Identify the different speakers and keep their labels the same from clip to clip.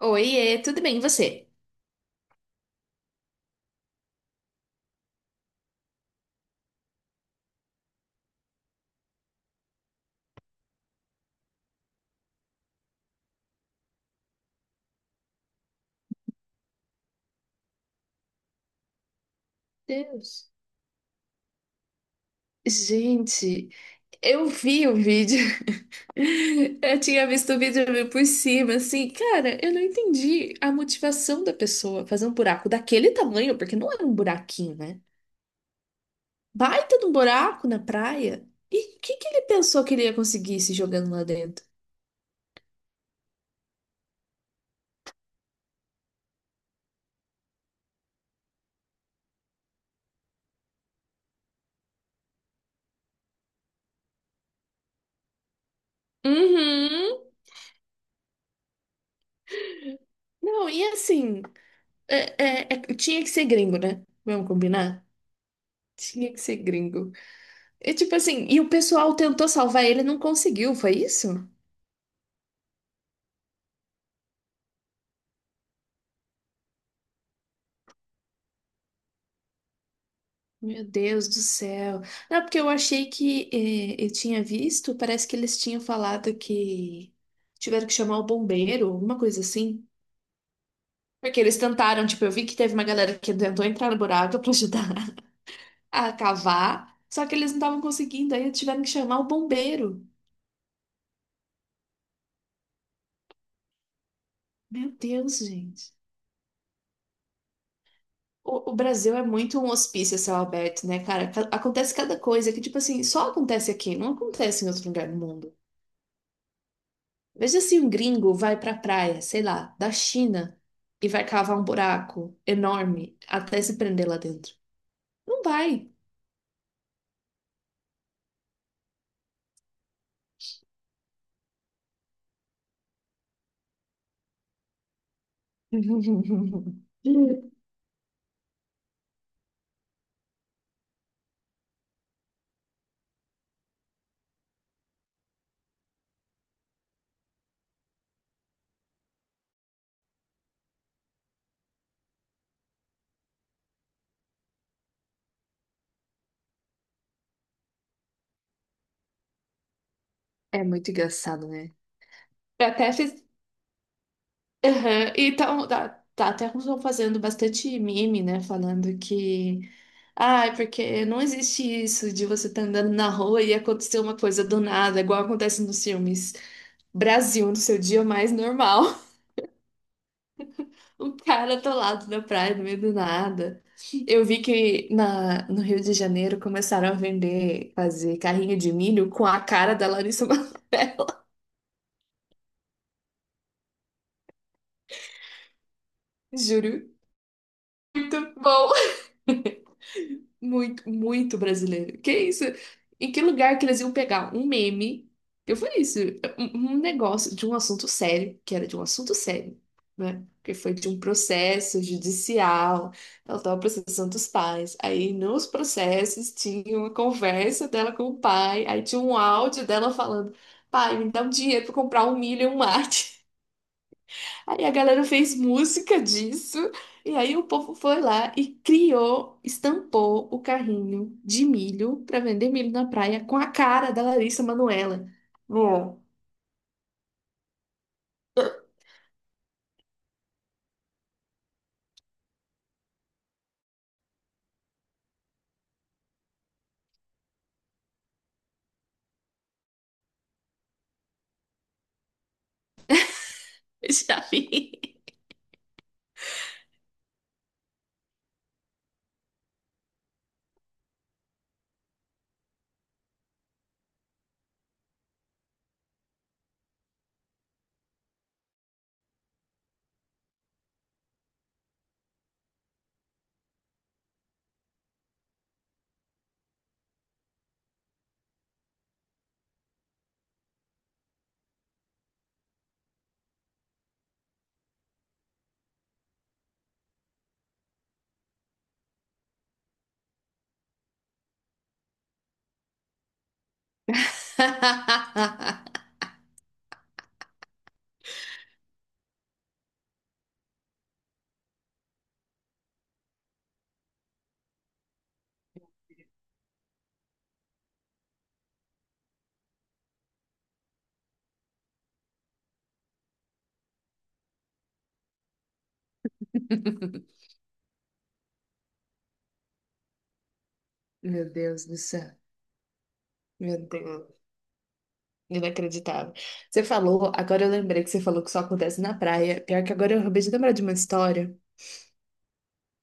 Speaker 1: Oiê, tudo bem, e você? Deus. Gente, eu vi o vídeo. Eu tinha visto o vídeo meio por cima, assim, cara, eu não entendi a motivação da pessoa fazer um buraco daquele tamanho, porque não era um buraquinho, né? Baita de um buraco na praia. E o que que ele pensou que ele ia conseguir se jogando lá dentro? Uhum. Não, e assim, tinha que ser gringo, né? Vamos combinar? Tinha que ser gringo. E tipo assim, e o pessoal tentou salvar ele, e não conseguiu, foi isso? Meu Deus do céu. Não, porque eu achei que eu tinha visto, parece que eles tinham falado que tiveram que chamar o bombeiro, alguma coisa assim. Porque eles tentaram, tipo, eu vi que teve uma galera que tentou entrar no buraco pra ajudar a cavar, só que eles não estavam conseguindo, aí tiveram que chamar o bombeiro. Meu Deus, gente. O Brasil é muito um hospício a céu aberto, né, cara? Acontece cada coisa que, tipo assim, só acontece aqui, não acontece em outro lugar do mundo. Veja se um gringo vai pra praia, sei lá, da China, e vai cavar um buraco enorme até se prender lá dentro. Não vai. É muito engraçado, né? Eu até fiz. Aham. Então, tá, tá, até estão fazendo bastante meme, né? Falando que. Ai, porque não existe isso de você estar andando na rua e acontecer uma coisa do nada, igual acontece nos filmes. Brasil, no seu dia mais normal. Um cara atolado na praia, no meio do nada. Eu vi que no Rio de Janeiro começaram a vender, fazer carrinho de milho com a cara da Larissa Manoela. Juro. Bom. Muito, muito brasileiro. Que isso? Em que lugar que eles iam pegar um meme? Eu falei isso, um negócio de um assunto sério, que era de um assunto sério, né? Que foi de um processo judicial. Ela estava processando os pais. Aí nos processos tinha uma conversa dela com o pai. Aí tinha um áudio dela falando: pai, me dá um dinheiro para comprar um milho e um mate. Aí a galera fez música disso, e aí o povo foi lá e criou, estampou o carrinho de milho para vender milho na praia com a cara da Larissa Manoela. Bom, já vi. Meu Deus do céu. Meu Deus. Inacreditável. Você falou, agora eu lembrei que você falou que só acontece na praia. Pior que agora eu acabei de lembrar de uma história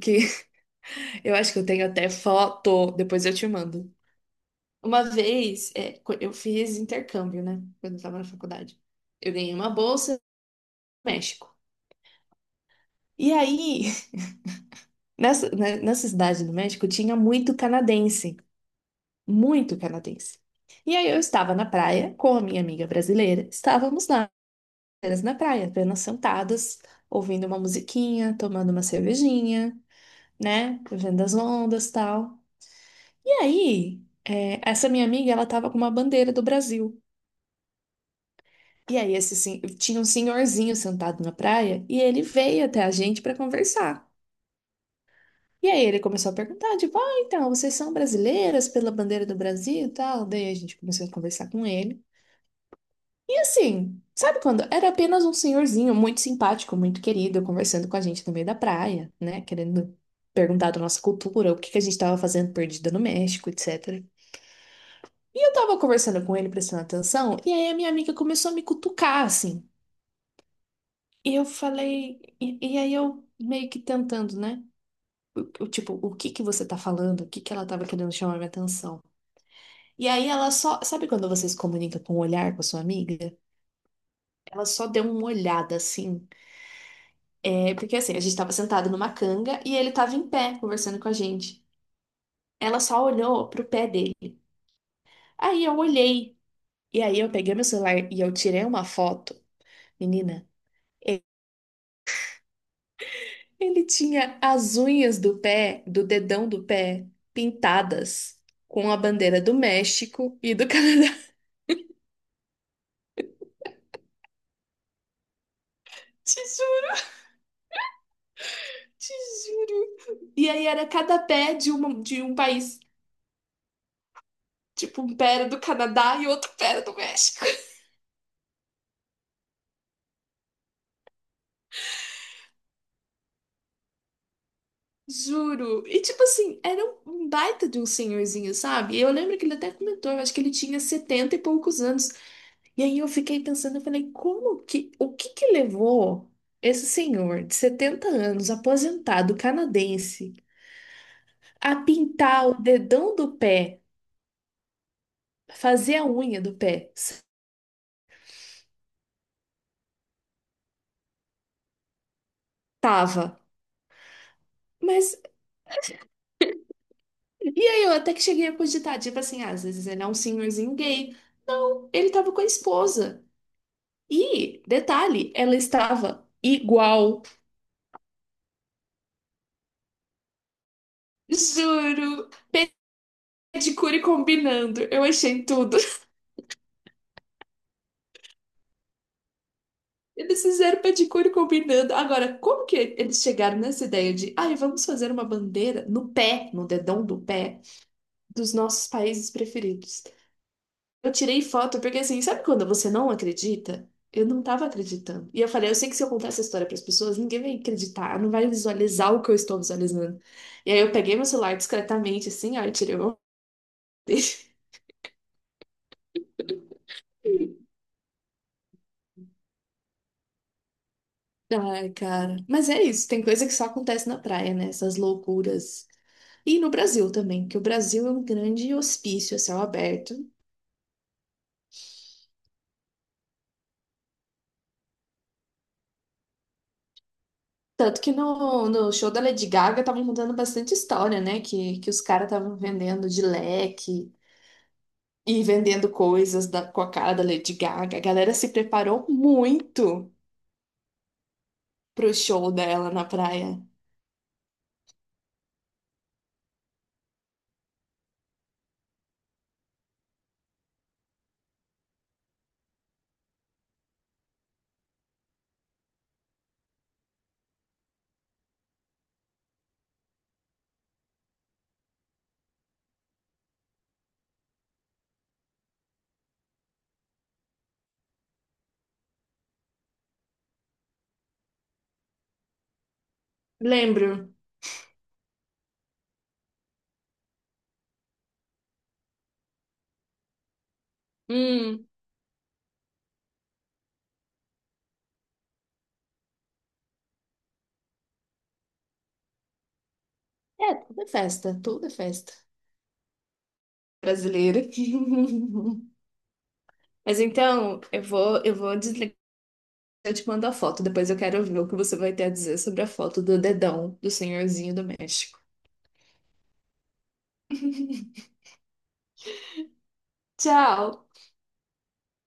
Speaker 1: que eu acho que eu tenho até foto, depois eu te mando. Uma vez, é, eu fiz intercâmbio, né? Quando eu estava na faculdade. Eu ganhei uma bolsa no México. E aí, nessa, né, nessa cidade do México, tinha muito canadense. Muito canadense. E aí, eu estava na praia com a minha amiga brasileira. Estávamos lá, apenas na praia, apenas sentadas, ouvindo uma musiquinha, tomando uma cervejinha, né? Vendo as ondas e tal. E aí, é, essa minha amiga, ela estava com uma bandeira do Brasil. E aí esse, tinha um senhorzinho sentado na praia e ele veio até a gente para conversar. E aí ele começou a perguntar, tipo, ah, então, vocês são brasileiras pela bandeira do Brasil e tal? Daí a gente começou a conversar com ele. E assim, sabe quando? Era apenas um senhorzinho muito simpático, muito querido, conversando com a gente no meio da praia, né? Querendo perguntar da nossa cultura, o que que a gente estava fazendo perdida no México, etc. E eu tava conversando com ele, prestando atenção, e aí a minha amiga começou a me cutucar, assim. E eu falei, e aí eu meio que tentando, né? O Tipo, o que que você tá falando? O que que ela tava querendo chamar minha atenção? E aí ela só, sabe quando você se comunica com o olhar com a sua amiga? Ela só deu uma olhada assim. É, porque assim, a gente tava sentado numa canga e ele tava em pé conversando com a gente. Ela só olhou pro pé dele. Aí eu olhei. E aí eu peguei meu celular e eu tirei uma foto. Menina, ele tinha as unhas do pé, do dedão do pé, pintadas com a bandeira do México e do Canadá. Te juro, te juro. E aí era cada pé de, uma, de um país. Tipo, um pé era do Canadá e outro pé era do México. Juro. E tipo assim, era um baita de um senhorzinho, sabe? Eu lembro que ele até comentou, eu acho que ele tinha 70 e poucos anos. E aí eu fiquei pensando, eu falei, como que, o que que levou esse senhor de 70 anos, aposentado canadense, a pintar o dedão do pé, fazer a unha do pé? Tava. Mas, e aí eu até que cheguei a cogitar, tipo assim, ah, às vezes ele é um senhorzinho gay. Não, ele tava com a esposa. E, detalhe, ela estava igual. Juro, é de cure combinando. Eu achei tudo. Eles fizeram pedicure combinando. Agora, como que eles chegaram nessa ideia de, ai, vamos fazer uma bandeira no pé, no dedão do pé, dos nossos países preferidos? Eu tirei foto porque, assim, sabe quando você não acredita? Eu não tava acreditando. E eu falei, eu sei que se eu contar essa história para as pessoas, ninguém vai acreditar, não vai visualizar o que eu estou visualizando. E aí eu peguei meu celular discretamente, assim, ó, e tirei uma foto. Ai, cara. Mas é isso, tem coisa que só acontece na praia, né? Essas loucuras. E no Brasil também, que o Brasil é um grande hospício a céu aberto. Tanto que no show da Lady Gaga estavam contando bastante história, né? Que os caras estavam vendendo de leque e vendendo coisas da- com a cara da Lady Gaga. A galera se preparou muito pro show dela na praia. Lembro. Hum, é, tudo é festa brasileira. Mas então, eu vou desligar. Eu te mando a foto, depois eu quero ver o que você vai ter a dizer sobre a foto do dedão do senhorzinho do México. Tchau!